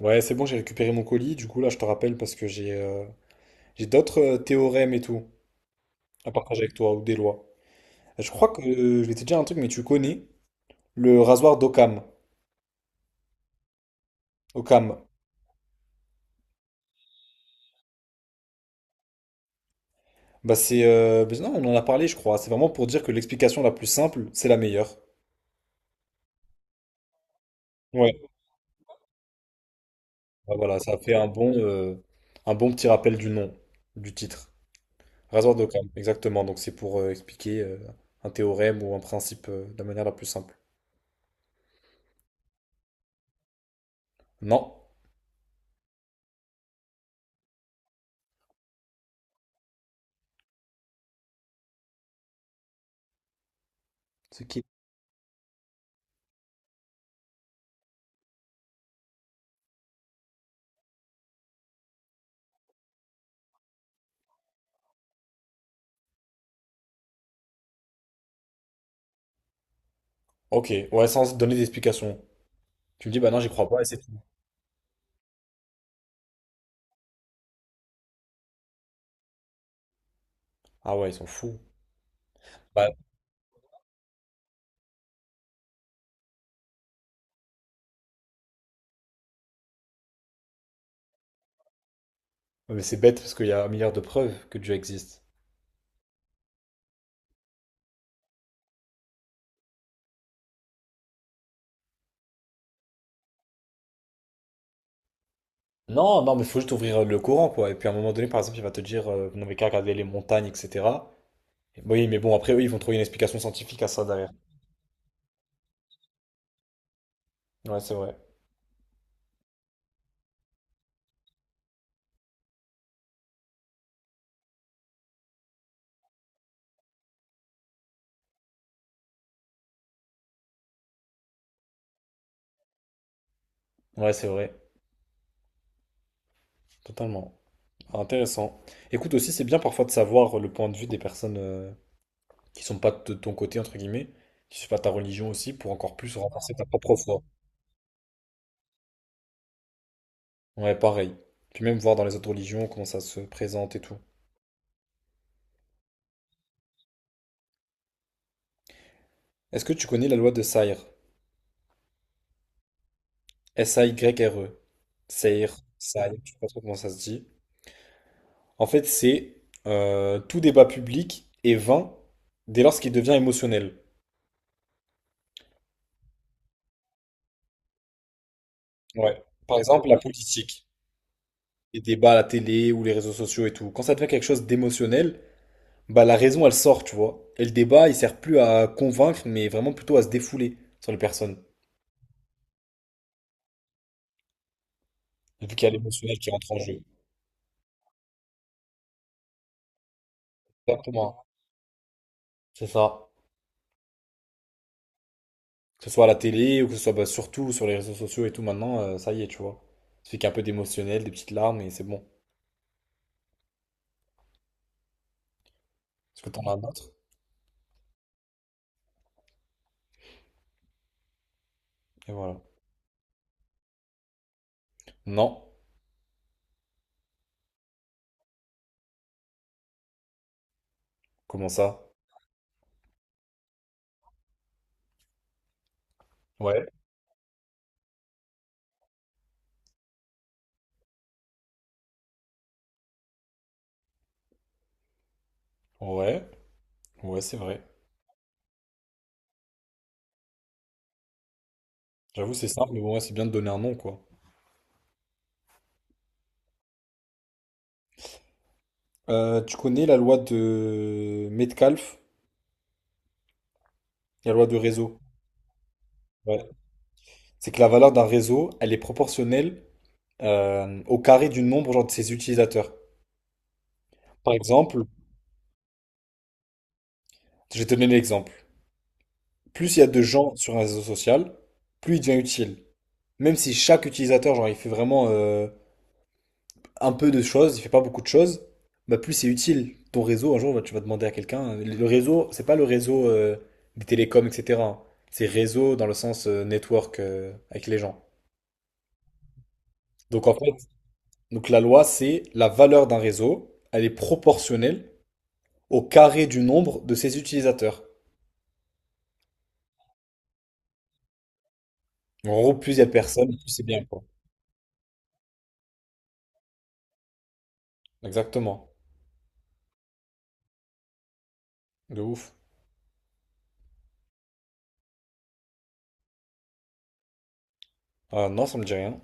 Ouais, c'est bon, j'ai récupéré mon colis. Du coup, là, je te rappelle parce que j'ai d'autres théorèmes et tout à partager avec toi ou des lois. Je crois que je vais te dire un truc, mais tu connais le rasoir d'Occam. Occam. Bah, non, on en a parlé, je crois. C'est vraiment pour dire que l'explication la plus simple, c'est la meilleure. Ouais. Bah, voilà, ça fait un bon petit rappel du nom, du titre. Rasoir d'Occam, exactement. Donc, c'est pour expliquer un théorème ou un principe de la manière la plus simple. Non. C'est qui? Ok, ouais, sans donner d'explication. Tu me dis, bah non, j'y crois pas et c'est tout. Ah ouais, ils sont fous. Bah, ouais, mais c'est bête parce qu'il y a un milliard de preuves que Dieu existe. Non, non, mais il faut juste ouvrir le courant, quoi. Et puis à un moment donné, par exemple, il va te dire, vous n'avez qu'à regarder les montagnes, etc. Et oui, mais bon, après, eux, ils vont trouver une explication scientifique à ça derrière. Ouais, c'est vrai. Ouais, c'est vrai. Totalement. Intéressant. Écoute, aussi, c'est bien parfois de savoir le point de vue des personnes qui sont pas de ton côté, entre guillemets, qui sont pas ta religion aussi, pour encore plus renforcer ta propre foi. Ouais, pareil. Puis même voir dans les autres religions comment ça se présente et tout. Est-ce que tu connais la loi de Sayre? Sayre. Sayre, Sayre, je sais pas trop comment ça se dit. En fait, c'est tout débat public est vain dès lors qu'il devient émotionnel. Ouais. Par exemple, la politique, les débats à la télé ou les réseaux sociaux et tout. Quand ça devient quelque chose d'émotionnel, bah la raison elle sort, tu vois. Et le débat, il sert plus à convaincre, mais vraiment plutôt à se défouler sur les personnes, vu qu'il y a l'émotionnel qui rentre en jeu. Exactement. C'est ça. Que ce soit à la télé ou que ce soit bah, surtout sur les réseaux sociaux et tout maintenant, ça y est, tu vois. Ça fait qu'un peu d'émotionnel, des petites larmes et c'est bon. Est-ce que t'en as d'autres? Et voilà. Non. Comment ça? Ouais. Ouais. Ouais, c'est vrai. J'avoue, c'est simple, mais bon, ouais, c'est bien de donner un nom, quoi. Tu connais la loi de Metcalfe et la loi de réseau. Ouais. C'est que la valeur d'un réseau, elle est proportionnelle au carré du nombre genre, de ses utilisateurs. Par exemple, je vais te donner l'exemple. Plus il y a de gens sur un réseau social, plus il devient utile. Même si chaque utilisateur, genre, il fait vraiment un peu de choses, il fait pas beaucoup de choses, bah plus c'est utile. Ton réseau, un jour, bah, tu vas demander à quelqu'un. Le réseau, c'est pas le réseau des télécoms, etc. hein. C'est réseau dans le sens network avec les gens. Donc en fait, donc la loi, c'est la valeur d'un réseau, elle est proportionnelle au carré du nombre de ses utilisateurs. En gros, plus il y a de personnes, plus c'est bien, quoi. Exactement. De ouf. Ah non, ça me dit rien.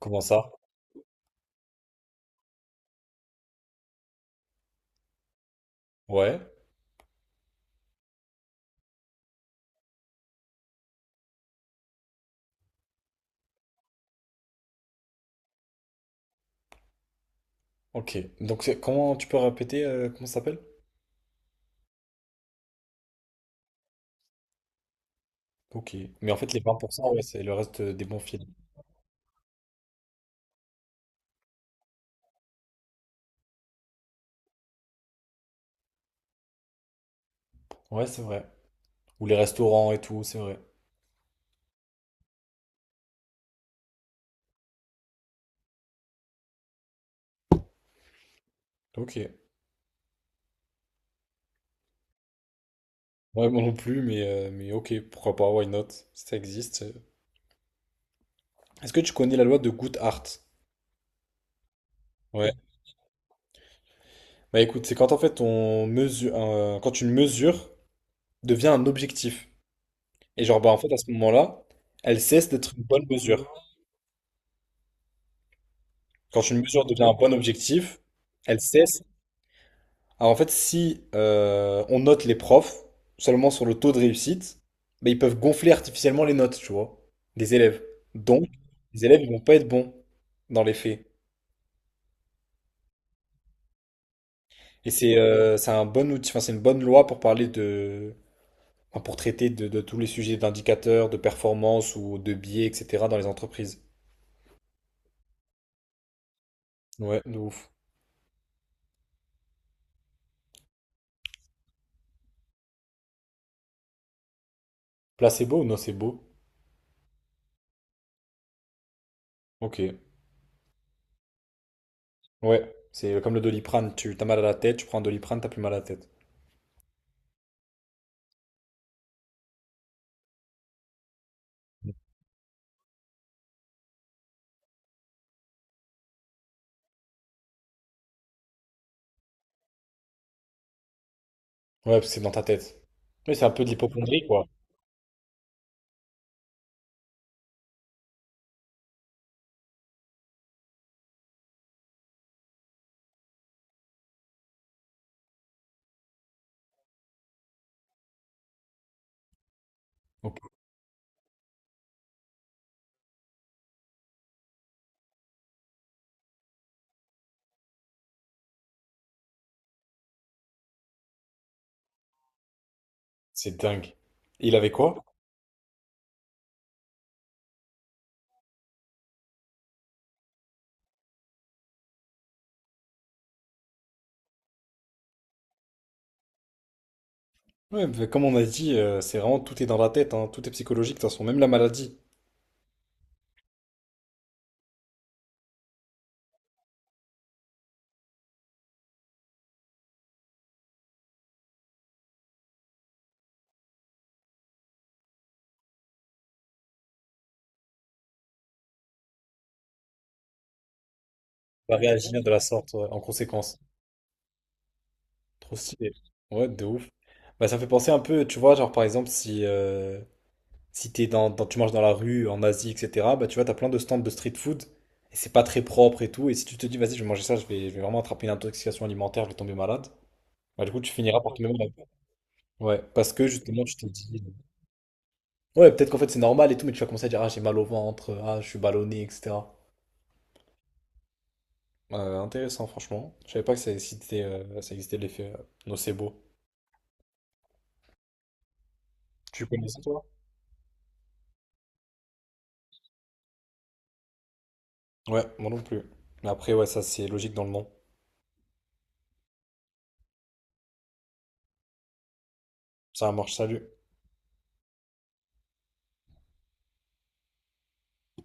Comment ça? Ouais. Ok, donc c'est- comment tu peux répéter comment ça s'appelle? Ok, mais en fait les 20% ouais, c'est le reste des bons films. Ouais, c'est vrai. Ou les restaurants et tout, c'est vrai. Ok. Ouais, moi non plus, mais ok, pourquoi pas, why not? Ça existe. Est-ce que tu connais la loi de Goodhart? Ouais. Bah écoute, c'est quand en fait quand une mesure devient un objectif. Et genre, bah en fait à ce moment-là, elle cesse d'être une bonne mesure. Quand une mesure devient un bon objectif, elle cesse. Alors en fait, si on note les profs seulement sur le taux de réussite, bah, ils peuvent gonfler artificiellement les notes, tu vois, des élèves. Donc, les élèves ils vont pas être bons dans les faits. Et c'est un bon outil, enfin, c'est une bonne loi pour parler de, enfin, pour traiter de, tous les sujets d'indicateurs, de performance ou de biais, etc. dans les entreprises. Ouais, de ouf. Placebo ou nocebo? Ok. Ouais, c'est comme le doliprane. Tu t'as mal à la tête, tu prends un doliprane, t'as plus mal à la tête. Ouais, parce que c'est dans ta tête. Oui, c'est un peu de l'hypocondrie, quoi. Ok. C'est dingue. Et il avait quoi? Ouais, bah, comme on a dit, c'est vraiment tout est dans la tête, hein, tout est psychologique, de toute façon, même la maladie va réagir de la sorte, ouais, en conséquence. Trop stylé. Ouais, de ouf. Bah, ça me fait penser un peu, tu vois, genre par exemple, si t'es tu marches dans la rue, en Asie, etc., bah tu vois, t'as plein de stands de street food, et c'est pas très propre et tout, et si tu te dis, vas-y, je vais manger ça, je vais vraiment attraper une intoxication alimentaire, je vais tomber malade, bah du coup, tu finiras par tomber malade. Ouais, parce que justement, tu te dis. Ouais, peut-être qu'en fait c'est normal et tout, mais tu vas commencer à dire, ah, j'ai mal au ventre, ah, je suis ballonné, etc. Intéressant, franchement. Je savais pas que ça existait l'effet nocebo. Tu connaissais, toi? Ouais, moi non plus. Mais après, ouais, ça c'est logique dans le nom. Ça marche, salut.